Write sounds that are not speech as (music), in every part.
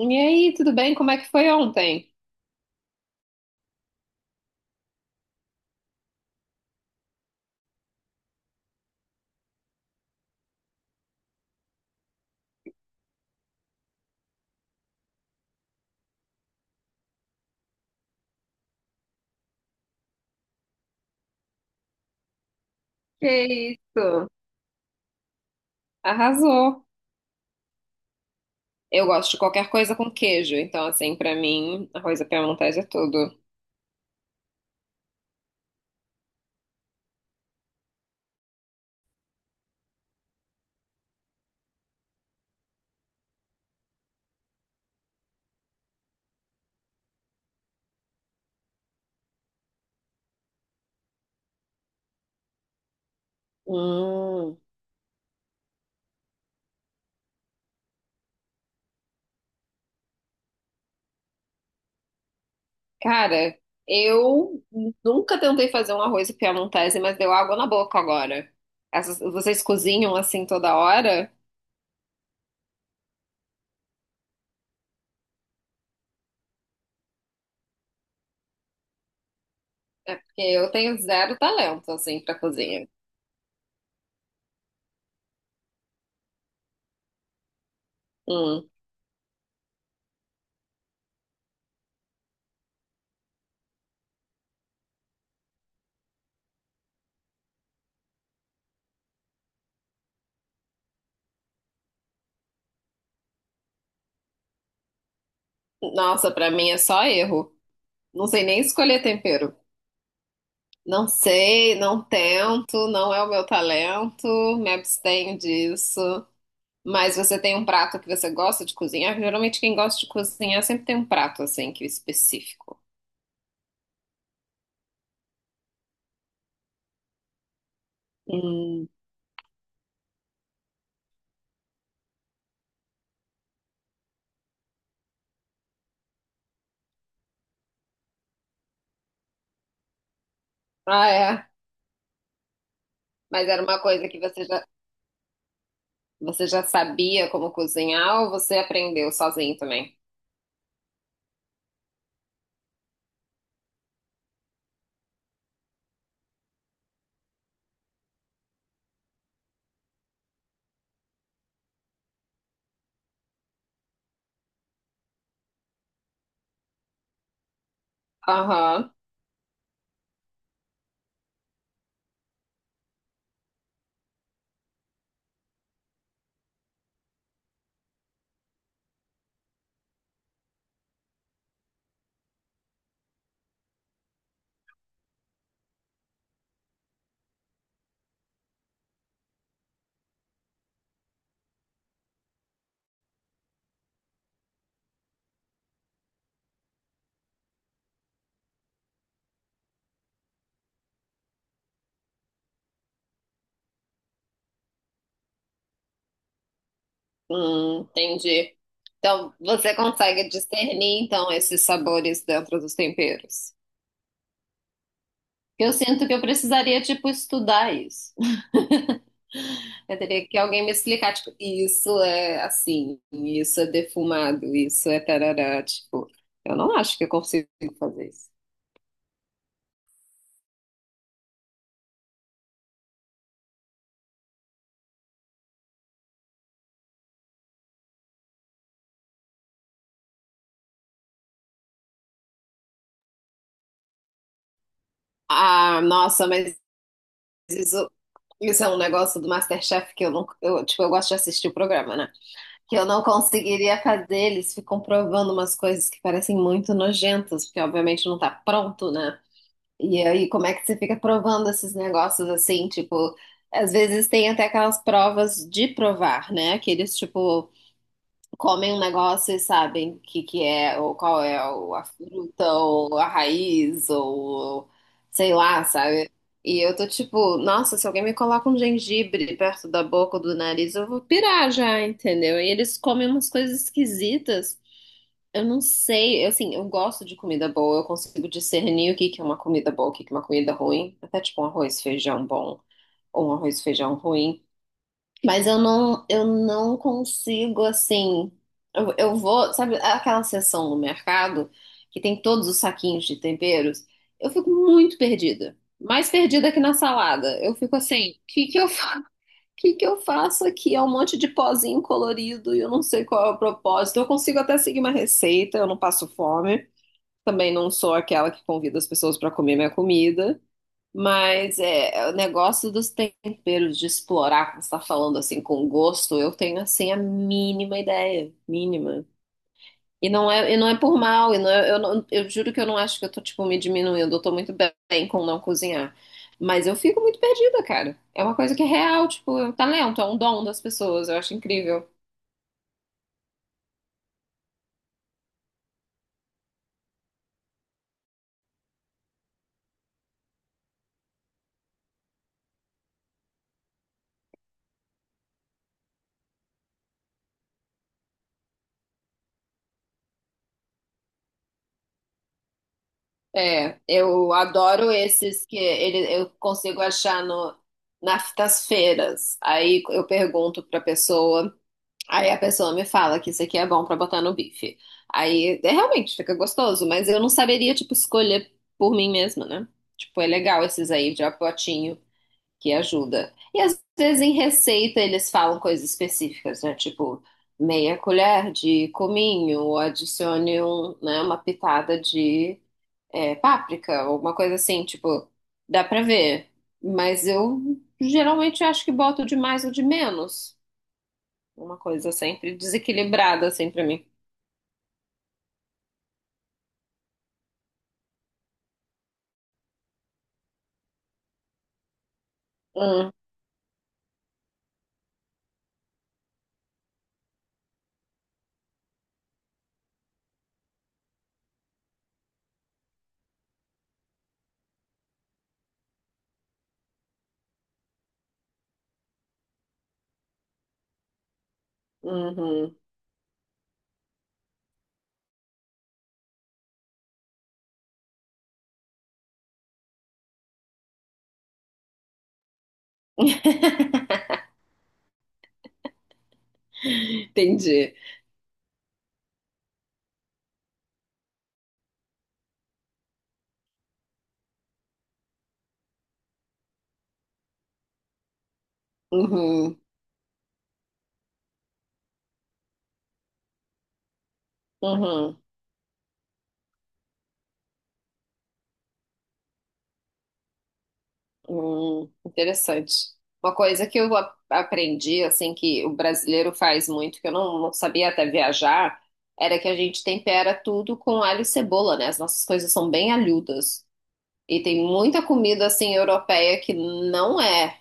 E aí, tudo bem? Como é que foi ontem? Que isso? Arrasou. Eu gosto de qualquer coisa com queijo, então assim, pra mim, arroz à piemontese é tudo. Hum. Cara, eu nunca tentei fazer um arroz à piemontese, mas deu água na boca agora. Vocês cozinham assim toda hora? É porque eu tenho zero talento assim pra cozinha. Hum. Nossa, pra mim é só erro. Não sei nem escolher tempero. Não sei, não tento, não é o meu talento, me abstenho disso. Mas você tem um prato que você gosta de cozinhar? Geralmente quem gosta de cozinhar sempre tem um prato assim que é específico. Hum. Ah, é. Mas era uma coisa que você já sabia como cozinhar ou você aprendeu sozinho também? Aham. Entendi. Então, você consegue discernir, então, esses sabores dentro dos temperos. Eu sinto que eu precisaria, tipo, estudar isso. Eu teria que alguém me explicar, tipo, isso é assim, isso é defumado, isso é tarará, tipo, eu não acho que eu consigo fazer isso. Ah, nossa, mas isso, isso é um negócio do MasterChef que eu não, eu, tipo, eu gosto de assistir o programa, né? Que eu não conseguiria fazer, eles ficam provando umas coisas que parecem muito nojentas, porque obviamente não tá pronto, né? E aí, como é que você fica provando esses negócios assim, tipo, às vezes tem até aquelas provas de provar, né? Aqueles, tipo, comem um negócio e sabem o que, que é, ou qual é a fruta, ou a raiz, ou sei lá, sabe? E eu tô tipo, nossa, se alguém me coloca um gengibre perto da boca ou do nariz, eu vou pirar já, entendeu? E eles comem umas coisas esquisitas. Eu não sei, eu, assim, eu gosto de comida boa, eu consigo discernir o que que é uma comida boa, o que que é uma comida ruim, até tipo um arroz e feijão bom ou um arroz e feijão ruim. Mas eu não consigo, assim. Eu vou, sabe, aquela seção no mercado que tem todos os saquinhos de temperos, eu fico muito perdida. Mais perdida que na salada. Eu fico assim, o que que eu, (laughs) que eu faço aqui? É um monte de pozinho colorido e eu não sei qual é o propósito. Eu consigo até seguir uma receita, eu não passo fome. Também não sou aquela que convida as pessoas para comer minha comida. Mas é, o negócio dos temperos, de explorar, como você está falando assim, com gosto, eu tenho assim a mínima ideia, mínima. E não é por mal, eu juro que eu não acho que eu tô tipo me diminuindo, eu tô muito bem com não cozinhar. Mas eu fico muito perdida, cara. É uma coisa que é real, tipo, é um talento, é um dom das pessoas, eu acho incrível. É, eu adoro esses que ele, eu consigo achar no, nas nas feiras. Aí eu pergunto pra pessoa. Aí a pessoa me fala que isso aqui é bom pra botar no bife. Aí é, realmente fica gostoso, mas eu não saberia, tipo, escolher por mim mesma, né? Tipo, é legal esses aí de apotinho que ajuda. E às vezes em receita eles falam coisas específicas, né? Tipo, meia colher de cominho, ou adicione um, né, uma pitada de páprica, alguma coisa assim, tipo, dá pra ver. Mas eu geralmente acho que boto de mais ou de menos. Uma coisa sempre desequilibrada, assim, pra mim. Hum, uhum, entendi. Uhum, uhum, interessante. Uma coisa que eu aprendi, assim, que o brasileiro faz muito, que eu não sabia até viajar, era que a gente tempera tudo com alho e cebola, né? As nossas coisas são bem alhudas. E tem muita comida, assim, europeia que não é.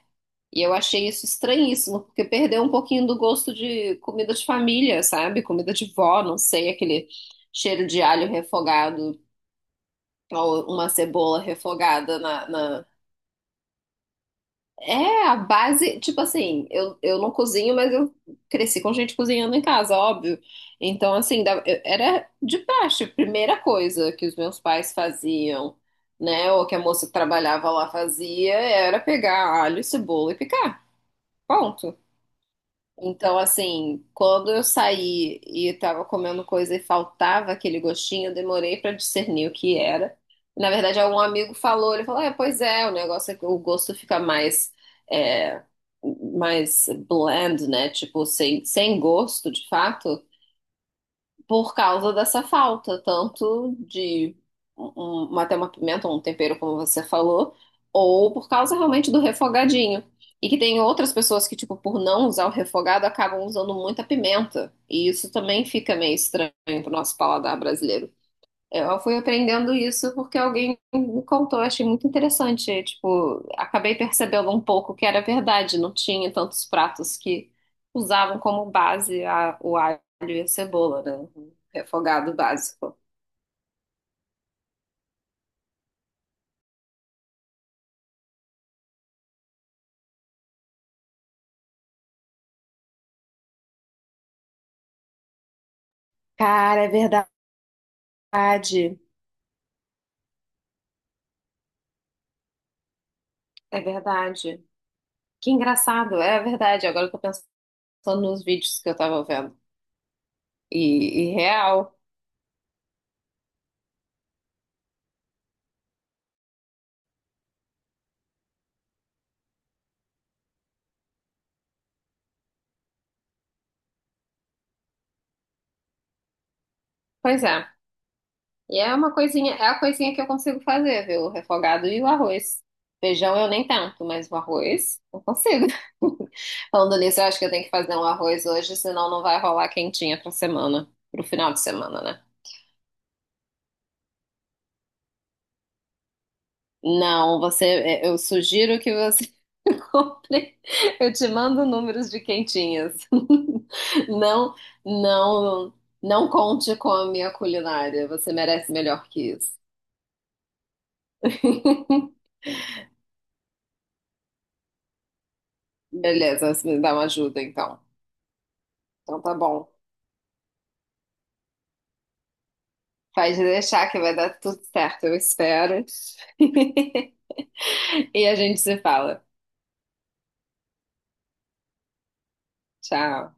E eu achei isso estranhíssimo, porque perdeu um pouquinho do gosto de comida de família, sabe? Comida de vó, não sei, aquele cheiro de alho refogado ou uma cebola refogada. É, a base, tipo assim, eu não cozinho, mas eu cresci com gente cozinhando em casa, óbvio. Então, assim, era de praxe, a primeira coisa que os meus pais faziam, né? Ou que a moça que trabalhava lá fazia, era pegar alho, cebola e picar. Ponto. Então, assim, quando eu saí e estava comendo coisa e faltava aquele gostinho, eu demorei para discernir o que era. Na verdade, algum amigo falou, ele falou, é, pois é, o negócio é que o gosto fica é, mais bland, né? Tipo, sem gosto, de fato por causa dessa falta, tanto de uma, até uma pimenta, um tempero, como você falou, ou por causa realmente do refogadinho. E que tem outras pessoas que, tipo, por não usar o refogado, acabam usando muita pimenta. E isso também fica meio estranho pro nosso paladar brasileiro. Eu fui aprendendo isso porque alguém me contou, achei muito interessante. Tipo, acabei percebendo um pouco que era verdade, não tinha tantos pratos que usavam como base o alho e a cebola, né? O refogado básico. Cara, é verdade. É verdade. Que engraçado, é verdade. Agora eu tô pensando nos vídeos que eu tava vendo. E real. Pois é. E é uma coisinha, é a coisinha que eu consigo fazer, viu? O refogado e o arroz. Feijão eu nem tanto, mas o arroz eu consigo. (laughs) Falando nisso, eu acho que eu tenho que fazer um arroz hoje, senão não vai rolar quentinha pra semana, pro final de semana, né? Não, eu sugiro que você (laughs) compre. Eu te mando números de quentinhas. (laughs) Não, não, não conte com a minha culinária. Você merece melhor que isso. (laughs) Beleza, você me dá uma ajuda então. Então tá bom. Pode deixar que vai dar tudo certo, eu espero. (laughs) E a gente se fala. Tchau.